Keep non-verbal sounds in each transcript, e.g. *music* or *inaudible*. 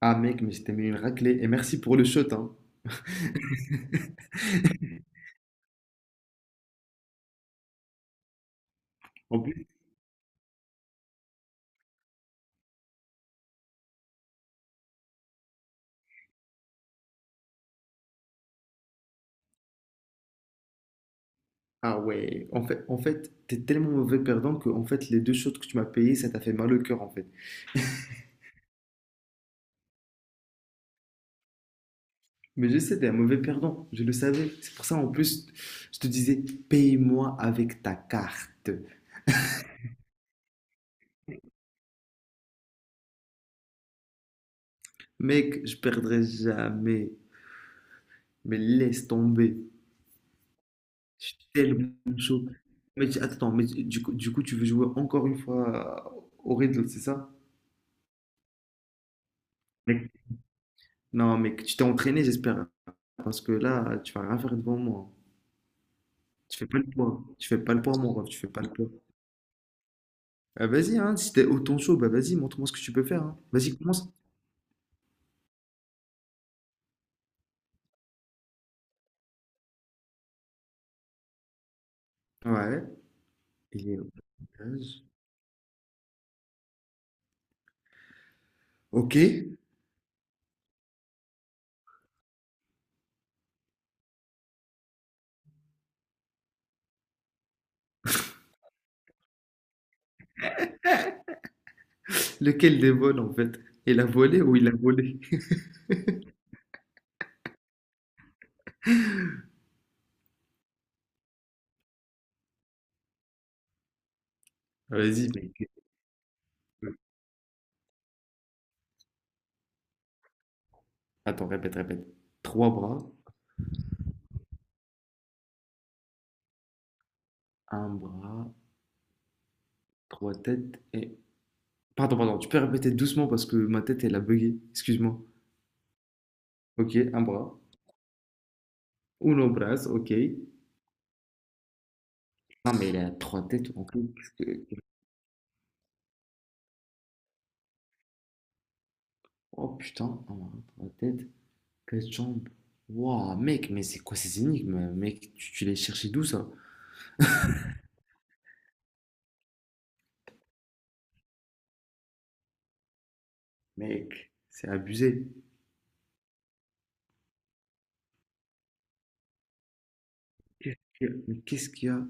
Ah mec, mais je t'ai mis une raclée. Et merci pour le shot, hein. *laughs* En plus, ah ouais, en fait, t'es tellement mauvais perdant que en fait, les deux shots que tu m'as payé, ça t'a fait mal au cœur en fait. Mais je sais, t'es un mauvais perdant, je le savais. C'est pour ça en plus, je te disais, paye-moi avec ta carte. Mec, je perdrai jamais. Mais laisse tomber. Je suis tellement chaud. Mais tu, attends, mais du coup, tu veux jouer encore une fois au riddle, c'est ça? Non, mais que tu t'es entraîné, j'espère. Parce que là, tu vas rien faire devant moi. Tu fais pas le poids. Tu fais pas le poids, mon ref. Tu fais pas le poids. Ah, vas-y, hein, si t'es autant chaud, bah vas-y, montre-moi ce que tu peux faire, hein. Vas-y, commence. Ouais. Il est au cage. Ok. Lequel des vols, en fait? Il a volé ou il a volé? *laughs* Vas-y, mec. Attends, répète. Trois bras, un bras, trois têtes et… Pardon, pardon, tu peux répéter doucement parce que ma tête, elle a bugué. Excuse-moi. Ok, un bras. Uno bras, ok. Non, mais il a trois têtes, en fait. Oh putain, ah, la tête, quatre jambes. Waouh, mec, mais c'est quoi ces énigmes, mec? Tu les cherchais d'où ça? Mec, c'est abusé. Mais qu'est-ce qu'il y a?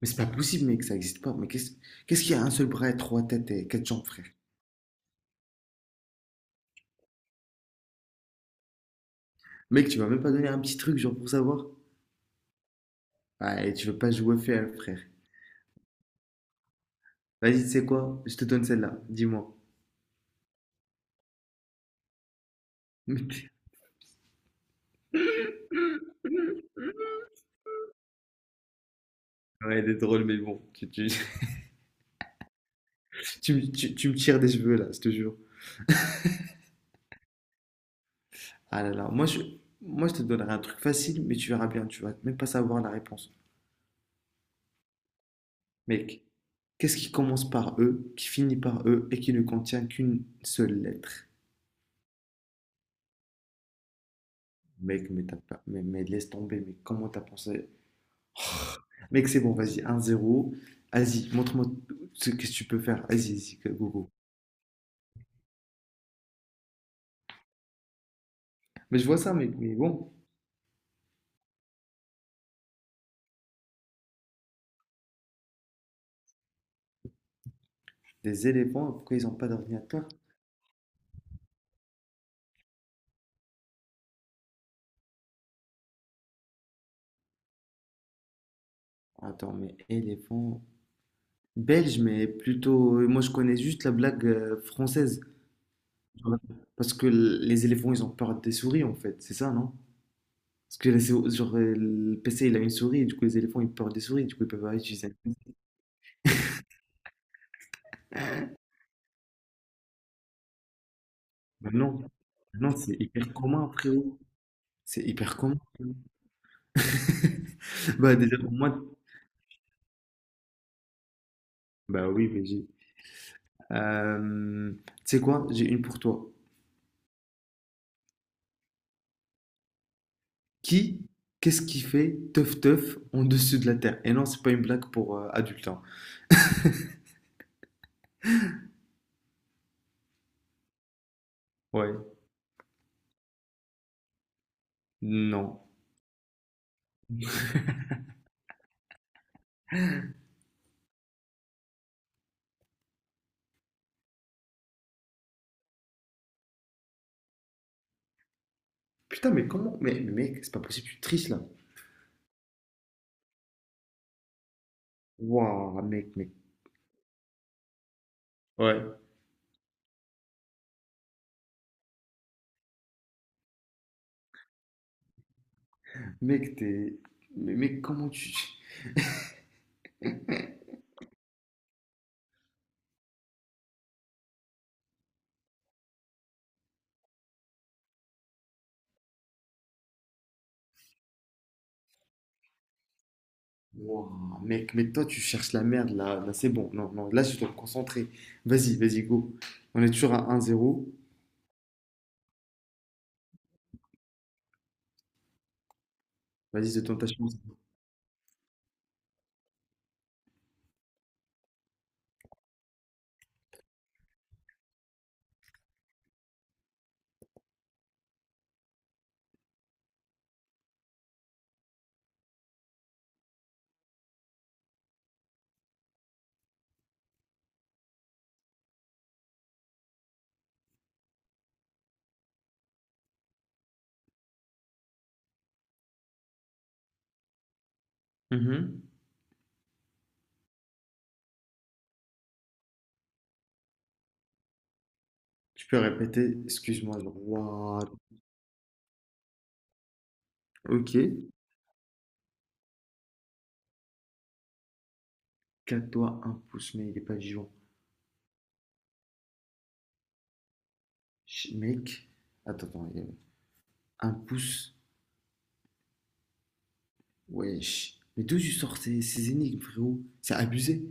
Mais c'est pas possible, mec, ça existe pas. Mais qu'est-ce qu'il y a un seul bras, trois têtes et quatre jambes, frère? Mec, tu m'as même pas donné un petit truc, genre pour savoir? Ah, et tu veux pas jouer fair, frère. Vas-y, tu sais quoi? Je te donne celle-là, dis-moi. *laughs* Ouais, elle est drôle, mais bon, *laughs* tu me tires des cheveux là, je te jure. Ah là là, moi je te donnerai un truc facile, mais tu verras bien, tu vas même pas savoir la réponse. Mec, qu'est-ce qui commence par E, qui finit par E et qui ne contient qu'une seule lettre? Mec, mais t'as pas, laisse tomber, mais comment t'as pensé? Mec, c'est bon, vas-y, 1-0. Vas-y, montre-moi ce que tu peux faire. Go, go. Mais je vois ça, mec, mais bon, les éléphants, pourquoi ils n'ont pas d'ordinateur? Attends, mais éléphants. Belge, mais plutôt. Moi, je connais juste la blague française. Ouais. Parce que les éléphants, ils ont peur des souris, en fait. C'est ça, non? Parce que les le PC, il a une souris, et du coup, les éléphants, ils ont peur des souris, du coup, ils peuvent pas utiliser un PC. Mais non, non, c'est hyper commun, frérot. C'est hyper commun. *laughs* Bah, déjà, pour moi, bah oui, VG. Euh, Tu sais quoi? J'ai une pour toi. Qui, Qu'est-ce qui fait teuf teuf en dessous de la terre? Et non, c'est pas une blague pour adultes, hein. Ouais, non. Putain, mais comment? Mais mec, c'est pas possible, tu triches là. Waouh, mec. Ouais. Mec, t'es. Mais mec, comment tu. Wouah, mec, mais toi, tu cherches la merde là. Là, c'est bon. Non, non, là, je dois me concentrer. Vas-y, go. On est toujours à un zéro. Vas-y, c'est ton ta chance. Mhm. Tu peux répéter, excuse-moi, genre. Wouah. Ok. 4 doigts, un pouce, mais il est pas Dijon. Mec. Attends. Il y a, un pouce. Wesh. Mais d'où tu sors ces énigmes, frérot? C'est abusé.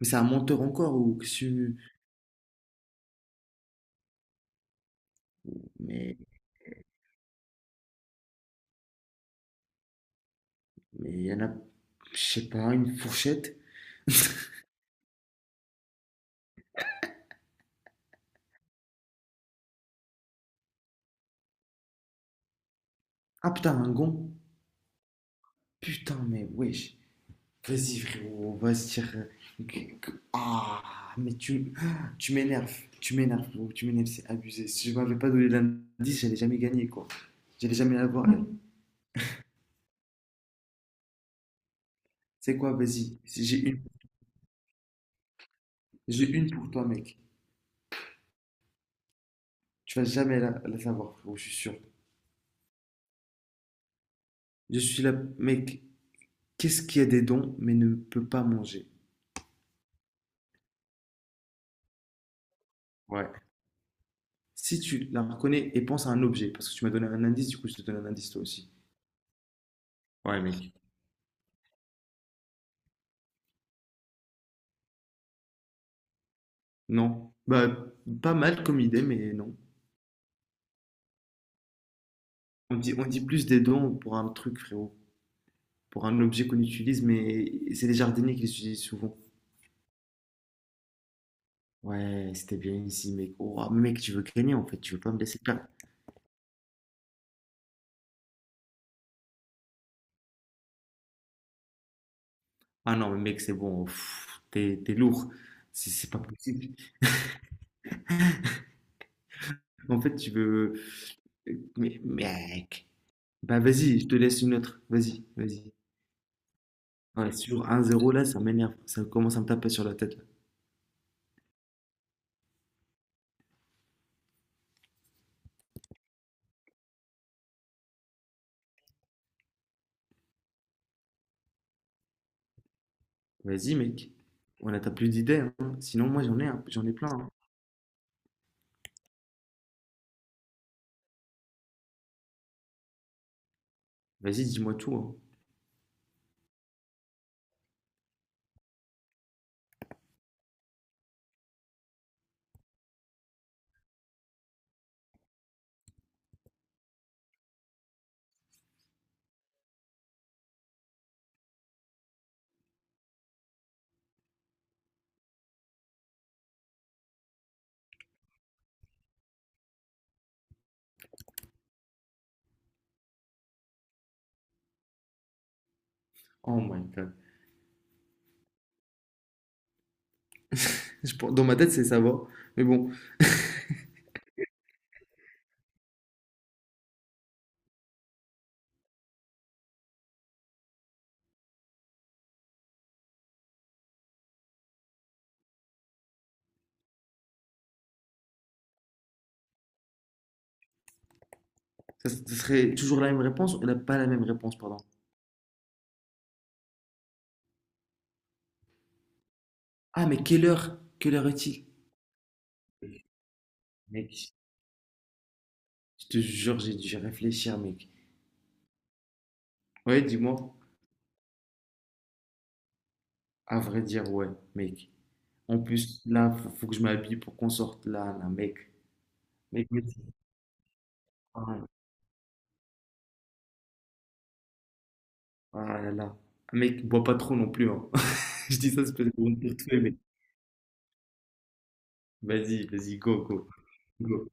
Mais c'est un menteur encore ou que tu. Mais. Mais il y en a. Je sais pas, une fourchette. Ah putain, un gon. Putain, mais wesh. Vas-y, frérot, on va se tirer. Ah, mais tu, Tu m'énerves. Tu m'énerves, frérot, tu m'énerves, c'est abusé. Si je m'avais pas donné l'indice, j'allais jamais gagner, quoi. J'allais jamais l'avoir, elle. C'est quoi, vas-y. Si J'ai une, J'ai une pour toi, mec. Tu vas jamais la savoir, frérot, je suis sûr. Je suis là, mec. Qu'est-ce qui a des dons, mais ne peut pas manger? Ouais. Si tu la reconnais et pense à un objet, parce que tu m'as donné un indice, du coup, je te donne un indice toi aussi. Ouais, mec. Non. Bah, pas mal comme idée, mais non. On dit plus des dons pour un truc, frérot. Pour un objet qu'on utilise, mais c'est les jardiniers qui les utilisent souvent. Ouais, c'était bien ici, mec. Oh, mec, tu veux gagner, en fait. Tu veux pas me laisser perdre. Ah non, mais mec, c'est bon. Pff, t'es lourd. C'est pas possible. En fait, tu veux… Mais, mec. Bah, vas-y, je te laisse une autre. Vas-y. Ouais, sur un zéro là, ça m'énerve. Ça commence à me taper sur la tête, là. Vas-y, mec. On a t'as plus d'idées, hein. Sinon, moi, j'en ai plein, hein. Vas-y, dis-moi tout, hein. Oh my God. *laughs* Dans ma tête, c'est ça va. Mais bon, ça, ce serait toujours la même réponse ou pas la même réponse, pardon. Ah, mais quelle heure? Quelle heure est-il? Mec, je te jure, j'ai dû réfléchir, mec. Ouais, dis-moi. À vrai dire, ouais, mec. En plus, là, faut que je m'habille pour qu'on sorte là, mec. Mec, ah, ah là là. Ah, mec, bois pas trop non plus, hein. *laughs* Je dis ça, c'est peut-être pour me faire tuer, mais vas-y, go.